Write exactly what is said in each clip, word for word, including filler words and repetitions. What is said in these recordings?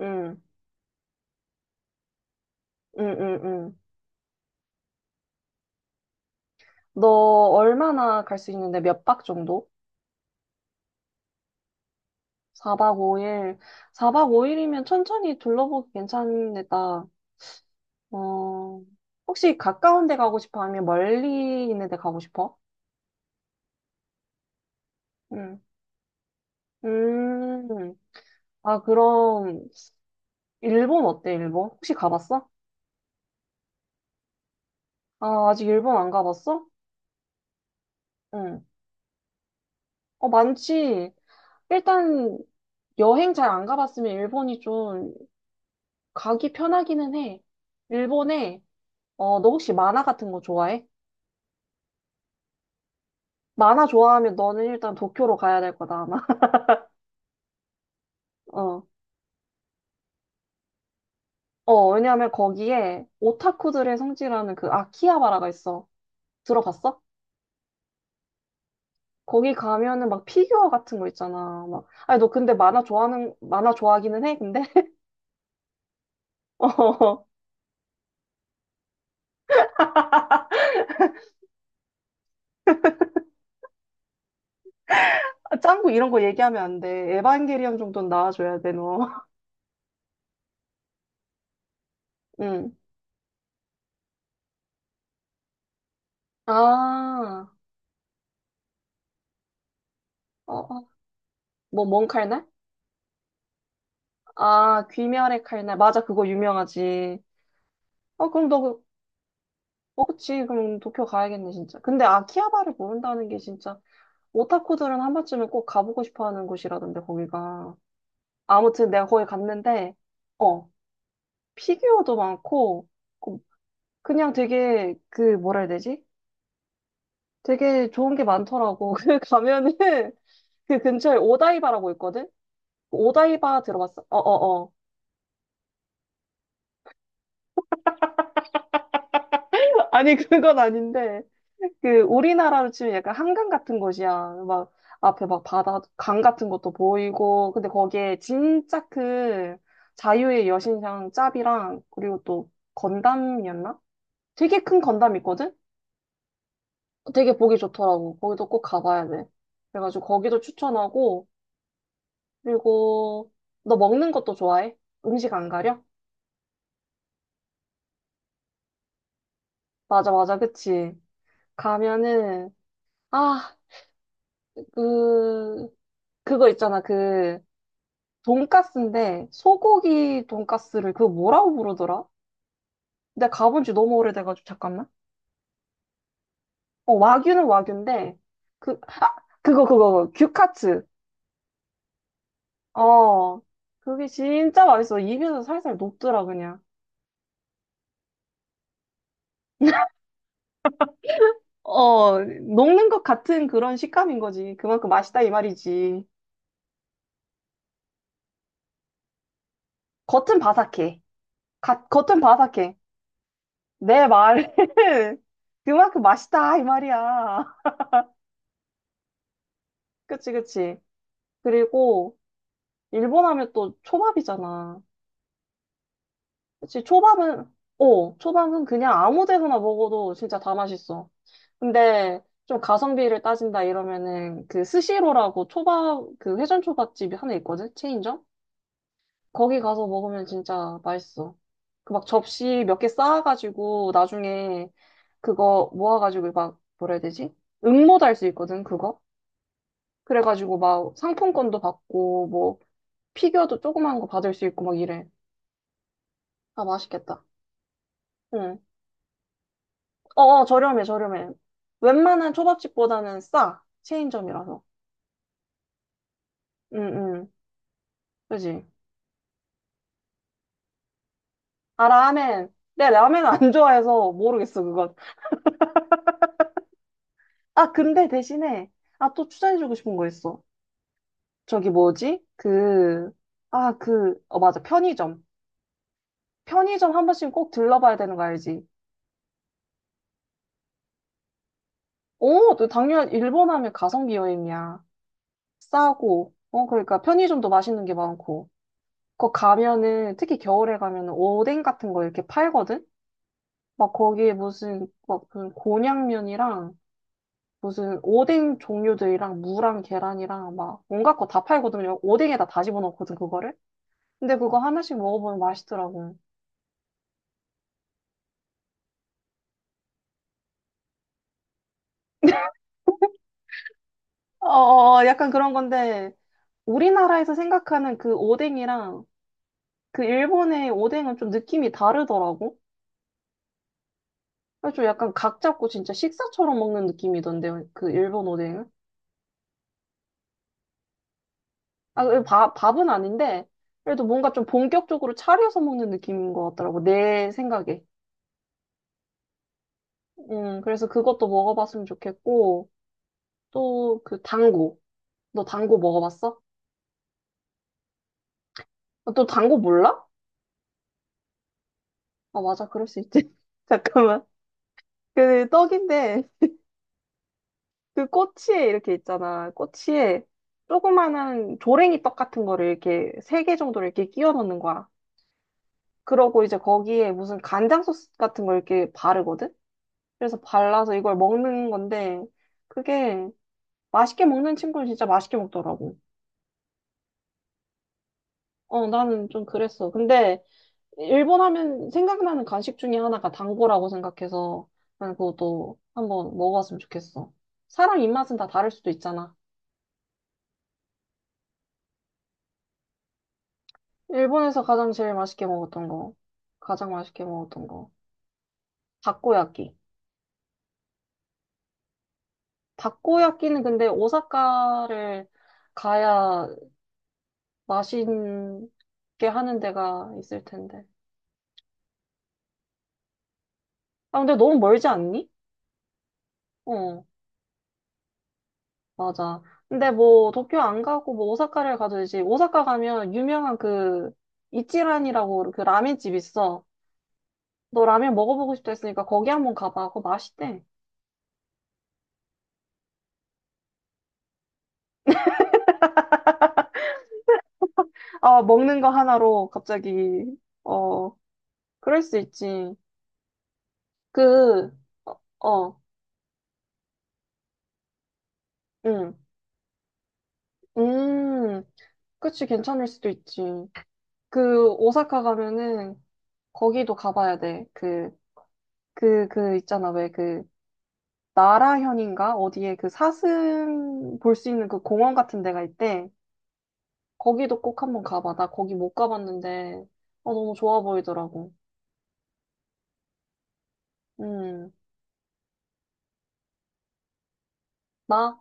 응, 응, 응, 응. 너 얼마나 갈 수 있는데 몇 박 정도? 사 박 오 일. 사 박 오 일이면 천천히 둘러보기 괜찮겠다. 어, 혹시 가까운 데 가고 싶어? 아니면 멀리 있는 데 가고 싶어? 응. 음, 아, 그럼, 일본 어때, 일본? 혹시 가봤어? 아, 아직 일본 안 가봤어? 응. 어, 많지. 일단, 여행 잘 안 가봤으면 일본이 좀 가기 편하기는 해. 일본에 어, 너 혹시 만화 같은 거 좋아해? 만화 좋아하면 너는 일단 도쿄로 가야 될 거다, 아마. 어. 어, 왜냐면 거기에 오타쿠들의 성지라는 그 아키하바라가 있어. 들어봤어? 거기 가면은 막 피규어 같은 거 있잖아. 막. 아니, 너 근데 만화 좋아하는, 만화 좋아하기는 해, 근데? 어. 아, 짱구 이런 거 얘기하면 안 돼. 에반게리온 정도는 나와줘야 돼, 너. 응. 아, 어, 어. 뭐, 뭔 칼날? 아, 귀멸의 칼날. 맞아, 그거 유명하지. 어, 그럼 너 어, 그치. 그럼 도쿄 가야겠네, 진짜. 근데 아키하바를 모른다는 게 진짜 오타쿠들은 한 번쯤은 꼭 가보고 싶어 하는 곳이라던데, 거기가. 아무튼 내가 거기 갔는데, 어, 피규어도 많고, 그- 그냥 되게, 그, 뭐라 해야 되지? 되게 좋은 게 많더라고. 그 가면은 그 근처에 오다이바라고 있거든? 오다이바 들어봤어? 어어어. 아니, 그건 아닌데. 그, 우리나라로 치면 약간 한강 같은 곳이야. 막, 앞에 막 바다, 강 같은 것도 보이고. 근데 거기에 진짜 그 자유의 여신상 짭이랑, 그리고 또 건담이었나? 되게 큰 건담 있거든? 되게 보기 좋더라고. 거기도 꼭 가봐야 돼. 그래가지고 거기도 추천하고, 그리고 너 먹는 것도 좋아해? 음식 안 가려? 맞아, 맞아, 그치. 가면은, 아, 그, 그거 있잖아, 그, 돈까스인데 소고기 돈까스를 그거 뭐라고 부르더라? 내가 가본 지 너무 오래돼가지고 잠깐만. 어, 와규는 와규인데 그, 아, 그거 그거 그거. 규카츠. 어, 그게 진짜 맛있어. 입에서 살살 녹더라 그냥. 어, 녹는 것 같은 그런 식감인 거지. 그만큼 맛있다 이 말이지. 겉은 바삭해. 가, 겉은 바삭해. 내 말은 그만큼 맛있다 이 말이야. 그치, 그치. 그리고 일본 하면 또 초밥이잖아. 그치, 초밥은, 어, 초밥은 그냥 아무 데서나 먹어도 진짜 다 맛있어. 근데 좀 가성비를 따진다 이러면은 그 스시로라고 초밥, 그 회전 초밥집이 하나 있거든? 체인점? 거기 가서 먹으면 진짜 맛있어. 그 막 접시 몇 개 쌓아가지고 나중에 그거 모아가지고 막 뭐라 해야 되지? 응모도 할 수 있거든, 그거? 그래가지고 막 상품권도 받고 뭐 피규어도 조그만 거 받을 수 있고 막 이래. 아, 맛있겠다. 응. 어, 어, 저렴해, 저렴해. 웬만한 초밥집보다는 싸. 체인점이라서. 응, 응. 그지? 아, 라멘. 내 라멘 안 좋아해서 모르겠어, 그건. 아, 근데 대신에, 아, 또 추천해주고 싶은 거 있어. 저기 뭐지? 그, 아, 그, 어, 맞아. 편의점. 편의점 한 번씩 꼭 들러봐야 되는 거 알지? 오, 너 당연, 일본 하면 가성비 여행이야. 싸고, 어, 그러니까 편의점도 맛있는 게 많고. 거 가면은, 특히 겨울에 가면은 오뎅 같은 거 이렇게 팔거든? 막 거기에 무슨 막 그 곤약면이랑 무슨 오뎅 종류들이랑 무랑 계란이랑 막 온갖 거 다 팔거든요. 오뎅에다 다 집어넣거든 그거를. 근데 그거 하나씩 먹어보면 맛있더라고. 어, 어, 어, 약간 그런 건데 우리나라에서 생각하는 그 오뎅이랑 그 일본의 오뎅은 좀 느낌이 다르더라고. 그래서 좀 약간 각 잡고 진짜 식사처럼 먹는 느낌이던데 그 일본 오뎅은. 아, 그 밥, 밥은 아닌데 그래도 뭔가 좀 본격적으로 차려서 먹는 느낌인 것 같더라고 내 생각에. 음, 그래서 그것도 먹어봤으면 좋겠고, 또 그 당구. 너 당구 먹어봤어? 아, 너 당구 몰라? 아, 맞아. 그럴 수 있지. 잠깐만. 그 떡인데, 그 꼬치에 이렇게 있잖아. 꼬치에 조그마한 조랭이 떡 같은 거를 이렇게 세 개 정도를 이렇게 끼워 넣는 거야. 그러고 이제 거기에 무슨 간장 소스 같은 걸 이렇게 바르거든? 그래서 발라서 이걸 먹는 건데, 그게 맛있게 먹는 친구는 진짜 맛있게 먹더라고. 어, 나는 좀 그랬어. 근데, 일본 하면 생각나는 간식 중에 하나가 단거라고 생각해서 난 그것도 한번 먹어봤으면 좋겠어. 사람 입맛은 다 다를 수도 있잖아. 일본에서 가장 제일 맛있게 먹었던 거, 가장 맛있게 먹었던 거, 다코야끼. 다코야끼는 근데 오사카를 가야 맛있게 하는 데가 있을 텐데. 아, 근데 너무 멀지 않니? 어. 맞아. 근데 뭐 도쿄 안 가고 뭐 오사카를 가도 되지. 오사카 가면 유명한 그 이치란이라고 그 라면집 있어. 너 라면 먹어보고 싶다 했으니까 거기 한번 가봐. 그거 맛있대. 아, 먹는 거 하나로 갑자기 어 그럴 수 있지. 그 어, 어, 응, 음, 그치 괜찮을 수도 있지. 그 오사카 가면은 거기도 가봐야 돼. 그 그 그 있잖아 왜그 나라현인가? 어디에 그 사슴 볼 수 있는 그 공원 같은 데가 있대. 거기도 꼭 한번 가봐. 나 거기 못 가봤는데, 어, 너무 좋아 보이더라고. 음, 나?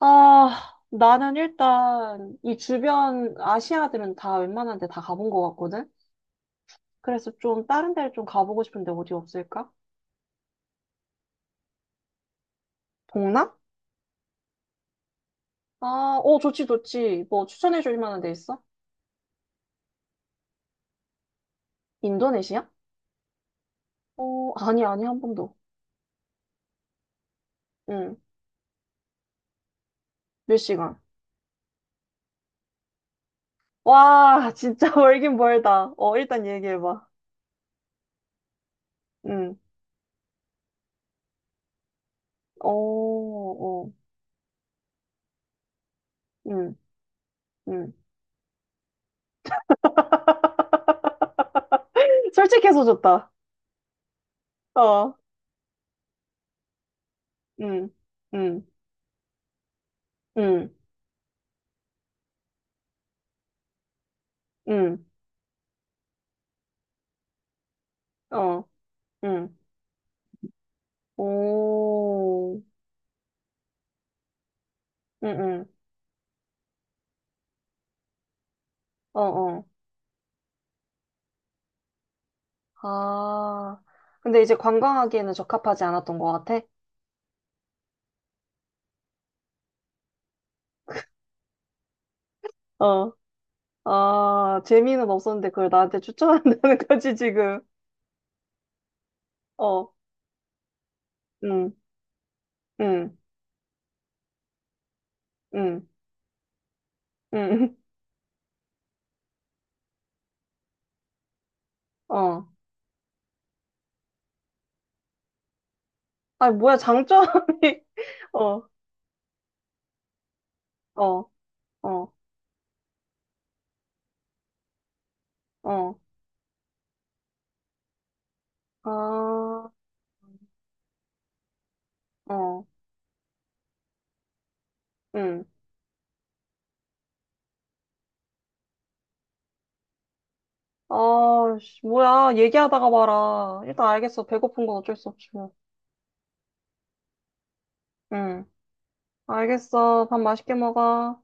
아, 나는 일단 이 주변 아시아들은 다 웬만한 데 다 가본 것 같거든? 그래서 좀 다른 데를 좀 가보고 싶은데 어디 없을까? 동남? 아, 어, 좋지, 좋지. 뭐 추천해 줄 만한 데 있어? 인도네시아? 어, 아니, 아니, 한 번도. 응, 몇 시간? 와, 진짜 멀긴 멀다. 어, 일단 얘기해봐. 응. 어, 어, 응, 응. 솔직해서 좋다. 어, 응, 응, 응, 응, 어, 응. 오, 응, 응, 어, 어. 아, 근데 이제 관광하기에는 적합하지 않았던 것 같아? 어, 아, 재미는 없었는데 그걸 나한테 추천한다는 거지, 지금. 어, 응, 응, 응, 응, 어. 아니, 뭐야, 장점이. 어, 어, 어, 어, 아, 어, 응. 아, 씨, 뭐야. 얘기하다가 봐라. 일단 알겠어. 배고픈 건 어쩔 수 없지, 뭐. 응. 알겠어. 밥 맛있게 먹어.